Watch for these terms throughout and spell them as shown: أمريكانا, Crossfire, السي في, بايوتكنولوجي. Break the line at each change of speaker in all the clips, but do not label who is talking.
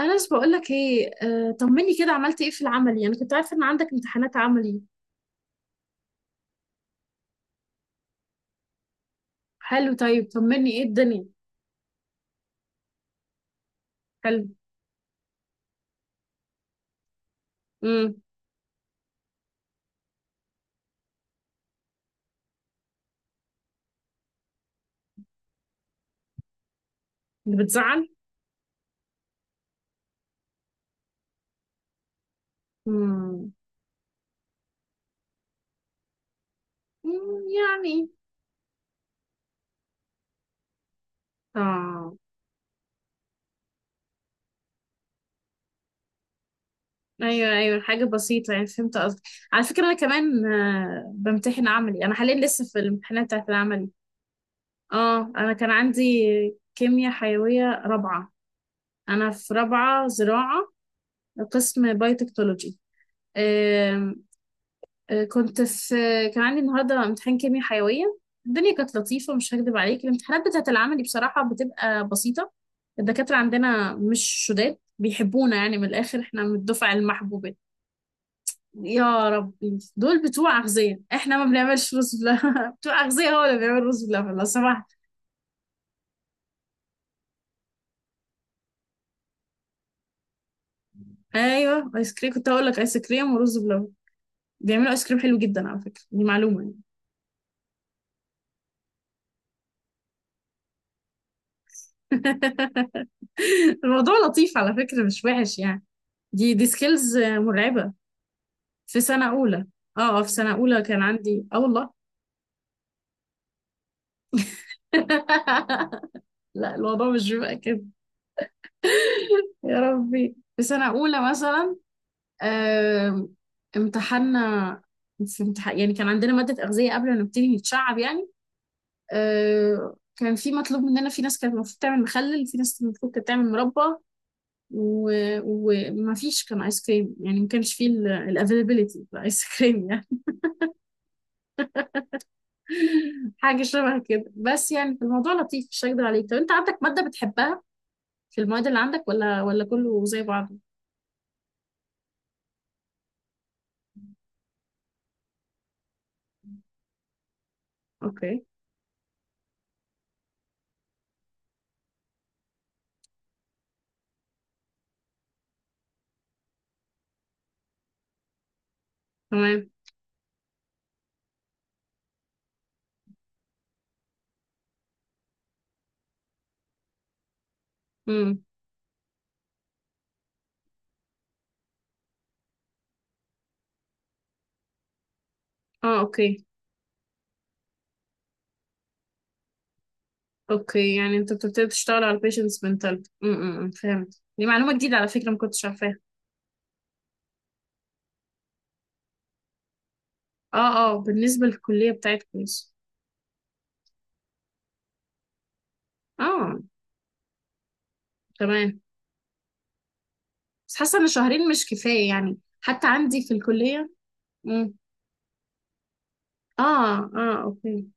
أنس، بقول لك إيه، طمني كده. عملت إيه في العملي؟ أنا كنت عارفة إن عندك امتحانات عملي. حلو، طيب طمني، إيه الدنيا؟ حلو. امم. اللي بتزعل. امم. يعني. آه. أيوه أيوه، حاجة بسيطة، يعني فهمت قصدك. على فكرة أنا كمان، بمتحن عملي أنا حاليا، لسه في الامتحانات بتاعت العملي. أنا كان عندي كيمياء حيوية رابعة. أنا في رابعة زراعة، قسم بايوتكنولوجي. كنت في، كان عندي النهارده امتحان كيمياء حيويه. الدنيا كانت لطيفه، مش هكدب عليك، الامتحانات بتاعه العملي بصراحه بتبقى بسيطه. الدكاتره عندنا مش شداد، بيحبونا، يعني من الاخر احنا من الدفعه المحبوبه. يا ربي، دول بتوع اغذيه، احنا ما بنعملش رز بلبن. بتوع اغذيه هو اللي بيعمل رز بلبن لو سمحت. ايوه، ايس كريم، كنت هقول لك ايس كريم ورز بلبن. بيعملوا ايس كريم حلو جدا على فكره، دي معلومه يعني. الموضوع لطيف على فكره، مش وحش يعني. دي سكيلز مرعبة. في سنة أولى. في سنة أولى كان عندي، والله. لا، الموضوع مش بيبقى كده. يا ربي، في سنة أولى مثلا، آم، امتحنا. في امتحان يعني، كان عندنا مادة أغذية قبل ما نبتدي نتشعب يعني. كان في مطلوب مننا، في ناس كانت المفروض تعمل مخلل، في ناس المفروض كانت تعمل مربى. وما فيش كان ايس كريم، يعني ما كانش فيه الافيلابيلتي الايس كريم يعني. حاجة شبه كده بس، يعني في الموضوع لطيف، مش هكدب عليك. طب انت عندك مادة بتحبها في المواد اللي عندك، ولا كله زي بعضه؟ اوكي. تمام. امم. اه، اوكي. اوكي، يعني انت بتبتدي تشتغل على البيشنتس منتاليتي. امم، فهمت، دي معلومة جديدة على فكرة، ما كنتش عارفاها. اه اه، بالنسبة للكلية بتاعتكم بس. اه. تمام. بس حاسة ان شهرين مش كفاية يعني حتى عندي في الكلية. امم. اه اه، اوكي.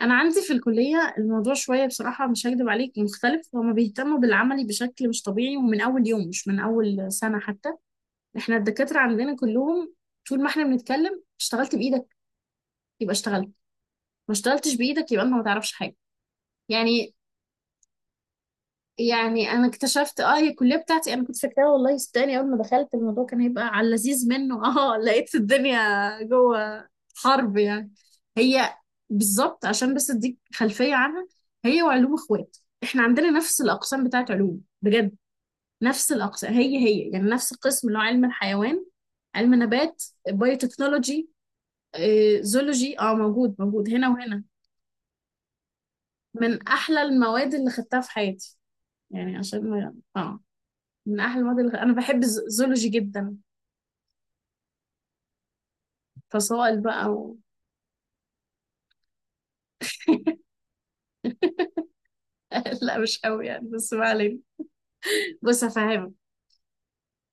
انا عندي في الكليه الموضوع شويه بصراحه، مش هكدب عليك، مختلف. هما بيهتموا بالعملي بشكل مش طبيعي، ومن اول يوم، مش من اول سنه حتى. احنا الدكاتره عندنا كلهم، طول ما احنا بنتكلم اشتغلت بايدك يبقى اشتغلت، ما اشتغلتش بايدك يبقى انت ما تعرفش حاجه. يعني، يعني انا اكتشفت، هي الكليه بتاعتي انا كنت فاكراها، والله صدقني، اول ما دخلت الموضوع كان هيبقى على اللذيذ منه. اه لقيت الدنيا جوه حرب يعني. هي بالظبط، عشان بس اديك خلفيه عنها، هي وعلوم اخوات. احنا عندنا نفس الاقسام بتاعت علوم بجد، نفس الاقسام هي هي، يعني نفس القسم اللي هو علم الحيوان، علم نبات، بايوتكنولوجي. زولوجي موجود موجود هنا وهنا. من احلى المواد اللي خدتها في حياتي، يعني عشان من احلى المواد، اللي انا بحب الزولوجي جدا. فصائل بقى و... لا مش قوي يعني، بس ما علينا. بص هفهمك.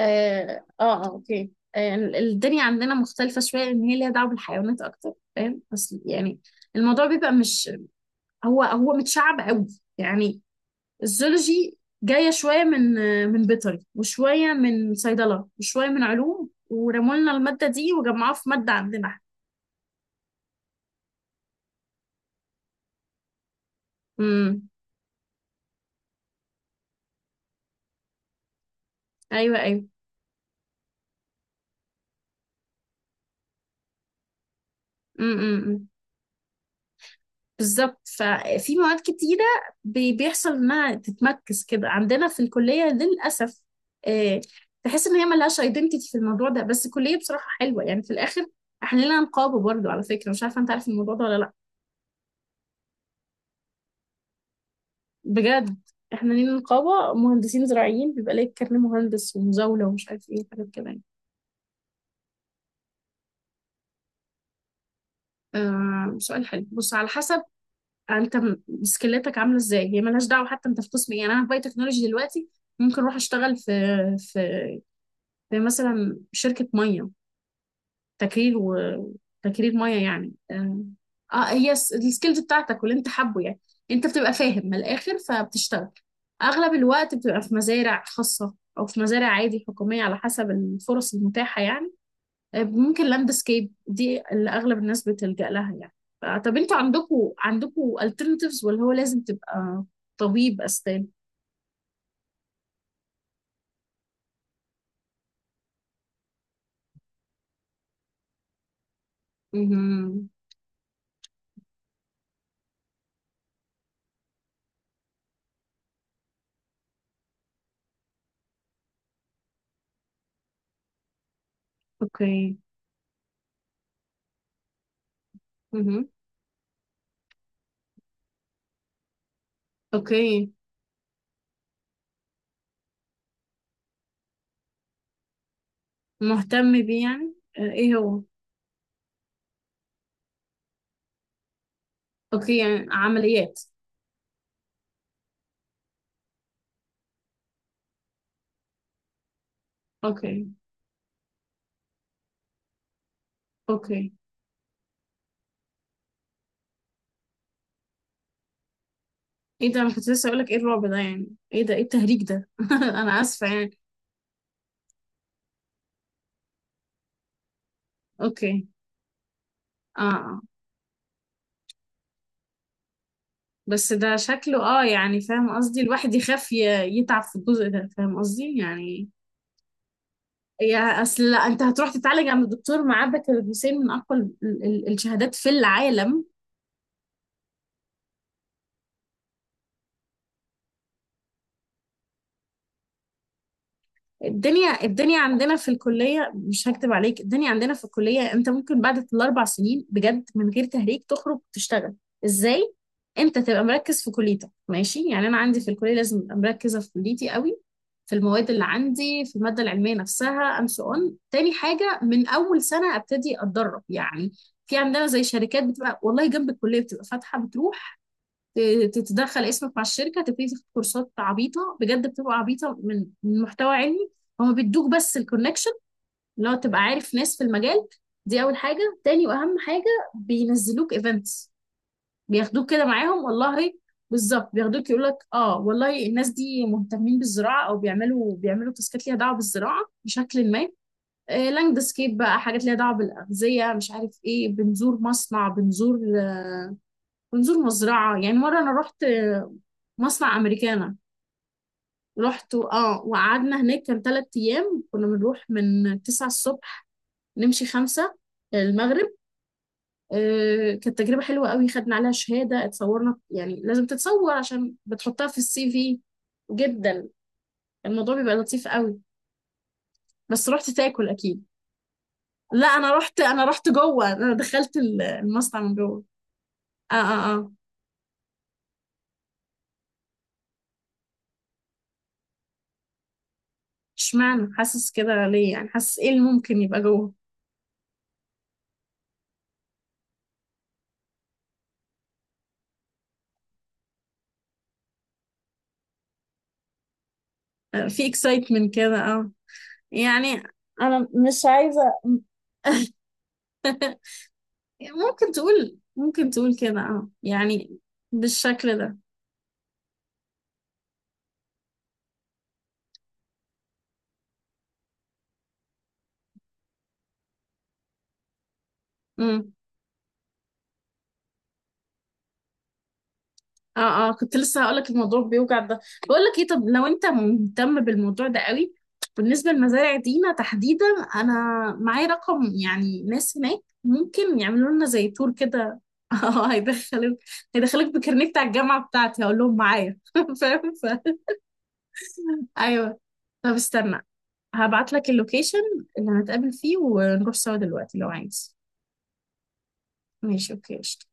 اه اه، اوكي، الدنيا عندنا مختلفة شوية، إن هي ليها دعوة بالحيوانات أكتر، فاهم، بس يعني الموضوع بيبقى مش، هو هو متشعب قوي يعني. الزولوجي جاية شوية من بيطري، وشوية من صيدلة، وشوية من علوم، ورموا لنا المادة دي وجمعوها في مادة عندنا. امم. أيوه أيوه. امم. بالظبط، ففي مواد كتيرة بيحصل انها تتمركز كده عندنا في الكلية للأسف. آه، تحس ان هي ملهاش ايدنتيتي في الموضوع ده، بس الكلية بصراحة حلوة يعني في الآخر. احنا لينا نقابة برضو، على فكرة، مش عارفة انت عارف الموضوع ده ولا لا. بجد، احنا لينا نقابة مهندسين زراعيين، بيبقى ليك كارنيه مهندس ومزاولة ومش عارف ايه، وحاجات كده يعني. سؤال حلو، بص على حسب. انت سكيلاتك عامله ازاي، هي ملهاش دعوه، حتى انت في قسم ايه؟ يعني انا في باي تكنولوجي دلوقتي، ممكن اروح اشتغل في زي مثلا شركة مية، تكرير، وتكرير مية يعني. اه هي السكيلز بتاعتك، واللي انت حابه يعني. انت بتبقى فاهم من الآخر فبتشتغل أغلب الوقت، بتبقى في مزارع خاصة أو في مزارع عادي حكومية على حسب الفرص المتاحة يعني. ممكن لاندسكيب، دي اللي أغلب الناس بتلجأ لها يعني. طب انتوا عندكوا alternatives، ولا هو لازم تبقى طبيب أسنان؟ مهم. اوكي. مهم. اوكي، مهتم بيه، يعني ايه هو؟ اوكي، يعني عمليات. اوكي. اوكي. ايه ده، انا كنت لسه اقولك، ايه الرعب ده يعني، ايه ده، ايه التهريج ده؟ انا اسفة يعني. اوكي. اه. آه. بس ده شكله، يعني فاهم قصدي، الواحد يخاف يتعب في الجزء ده، فاهم قصدي يعني. يا اصل لا، انت هتروح تتعالج عند الدكتور معاه بكالوريوسين من اقوى الشهادات في العالم. الدنيا عندنا في الكلية، مش هكتب عليك، الدنيا عندنا في الكلية، انت ممكن بعد الاربع سنين، بجد من غير تهريج، تخرج تشتغل. ازاي؟ انت تبقى مركز في كليتك ماشي، يعني انا عندي في الكلية لازم ابقى مركزة في كليتي قوي، في المواد اللي عندي، في المادة العلمية نفسها and so on. تاني حاجة، من اول سنة ابتدي اتدرب يعني. في عندنا زي شركات بتبقى، والله، جنب الكلية بتبقى فاتحة، بتروح تتدخل اسمك مع الشركه، تبتدي تاخد كورسات عبيطه بجد، بتبقى عبيطه من من محتوى علمي، هما بيدوك بس الكونكشن، اللي هو تبقى عارف ناس في المجال. دي اول حاجه. تاني واهم حاجه، بينزلوك ايفنتس، بياخدوك كده معاهم والله. بالظبط، بياخدوك، يقول لك والله الناس دي مهتمين بالزراعه، او بيعملوا تاسكات ليها دعوه بالزراعه بشكل ما. لاند سكيب بقى، حاجات ليها دعوه بالاغذيه، مش عارف ايه، بنزور مصنع، بنزور ونزور مزرعة يعني. مرة أنا رحت مصنع أمريكانا، رحت وقعدنا هناك كان 3 أيام، كنا بنروح من 9 الصبح نمشي خمسة، المغرب. كانت تجربة حلوة قوي، خدنا عليها شهادة، اتصورنا يعني لازم تتصور عشان بتحطها في CV. جدا. الموضوع بيبقى لطيف قوي. بس رحت تاكل أكيد؟ لا أنا رحت، أنا رحت جوه، أنا دخلت المصنع من جوه. اه اه اه. اشمعنى حاسس كده ليه؟ يعني حاسس ايه اللي ممكن يبقى جوه؟ في اكسايتمنت كده، اه. يعني انا مش عايزه، ممكن تقول كده، يعني بالشكل ده. امم. اه اه، كنت لسه هقولك الموضوع بيوجع ده. بقول لك ايه، طب لو انت مهتم بالموضوع ده قوي، بالنسبه لمزارع دينا تحديدا، انا معايا رقم، يعني ناس هناك ممكن يعملوا لنا زي تور كده. اه هيدخلك، هيدخلك بكارنيه بتاع الجامعه بتاعتي، هقول لهم معايا. فاهم ايوه، طب استنى، هبعت لك اللوكيشن اللي هنتقابل فيه ونروح سوا دلوقتي لو عايز. ماشي، اوكي، قشطة.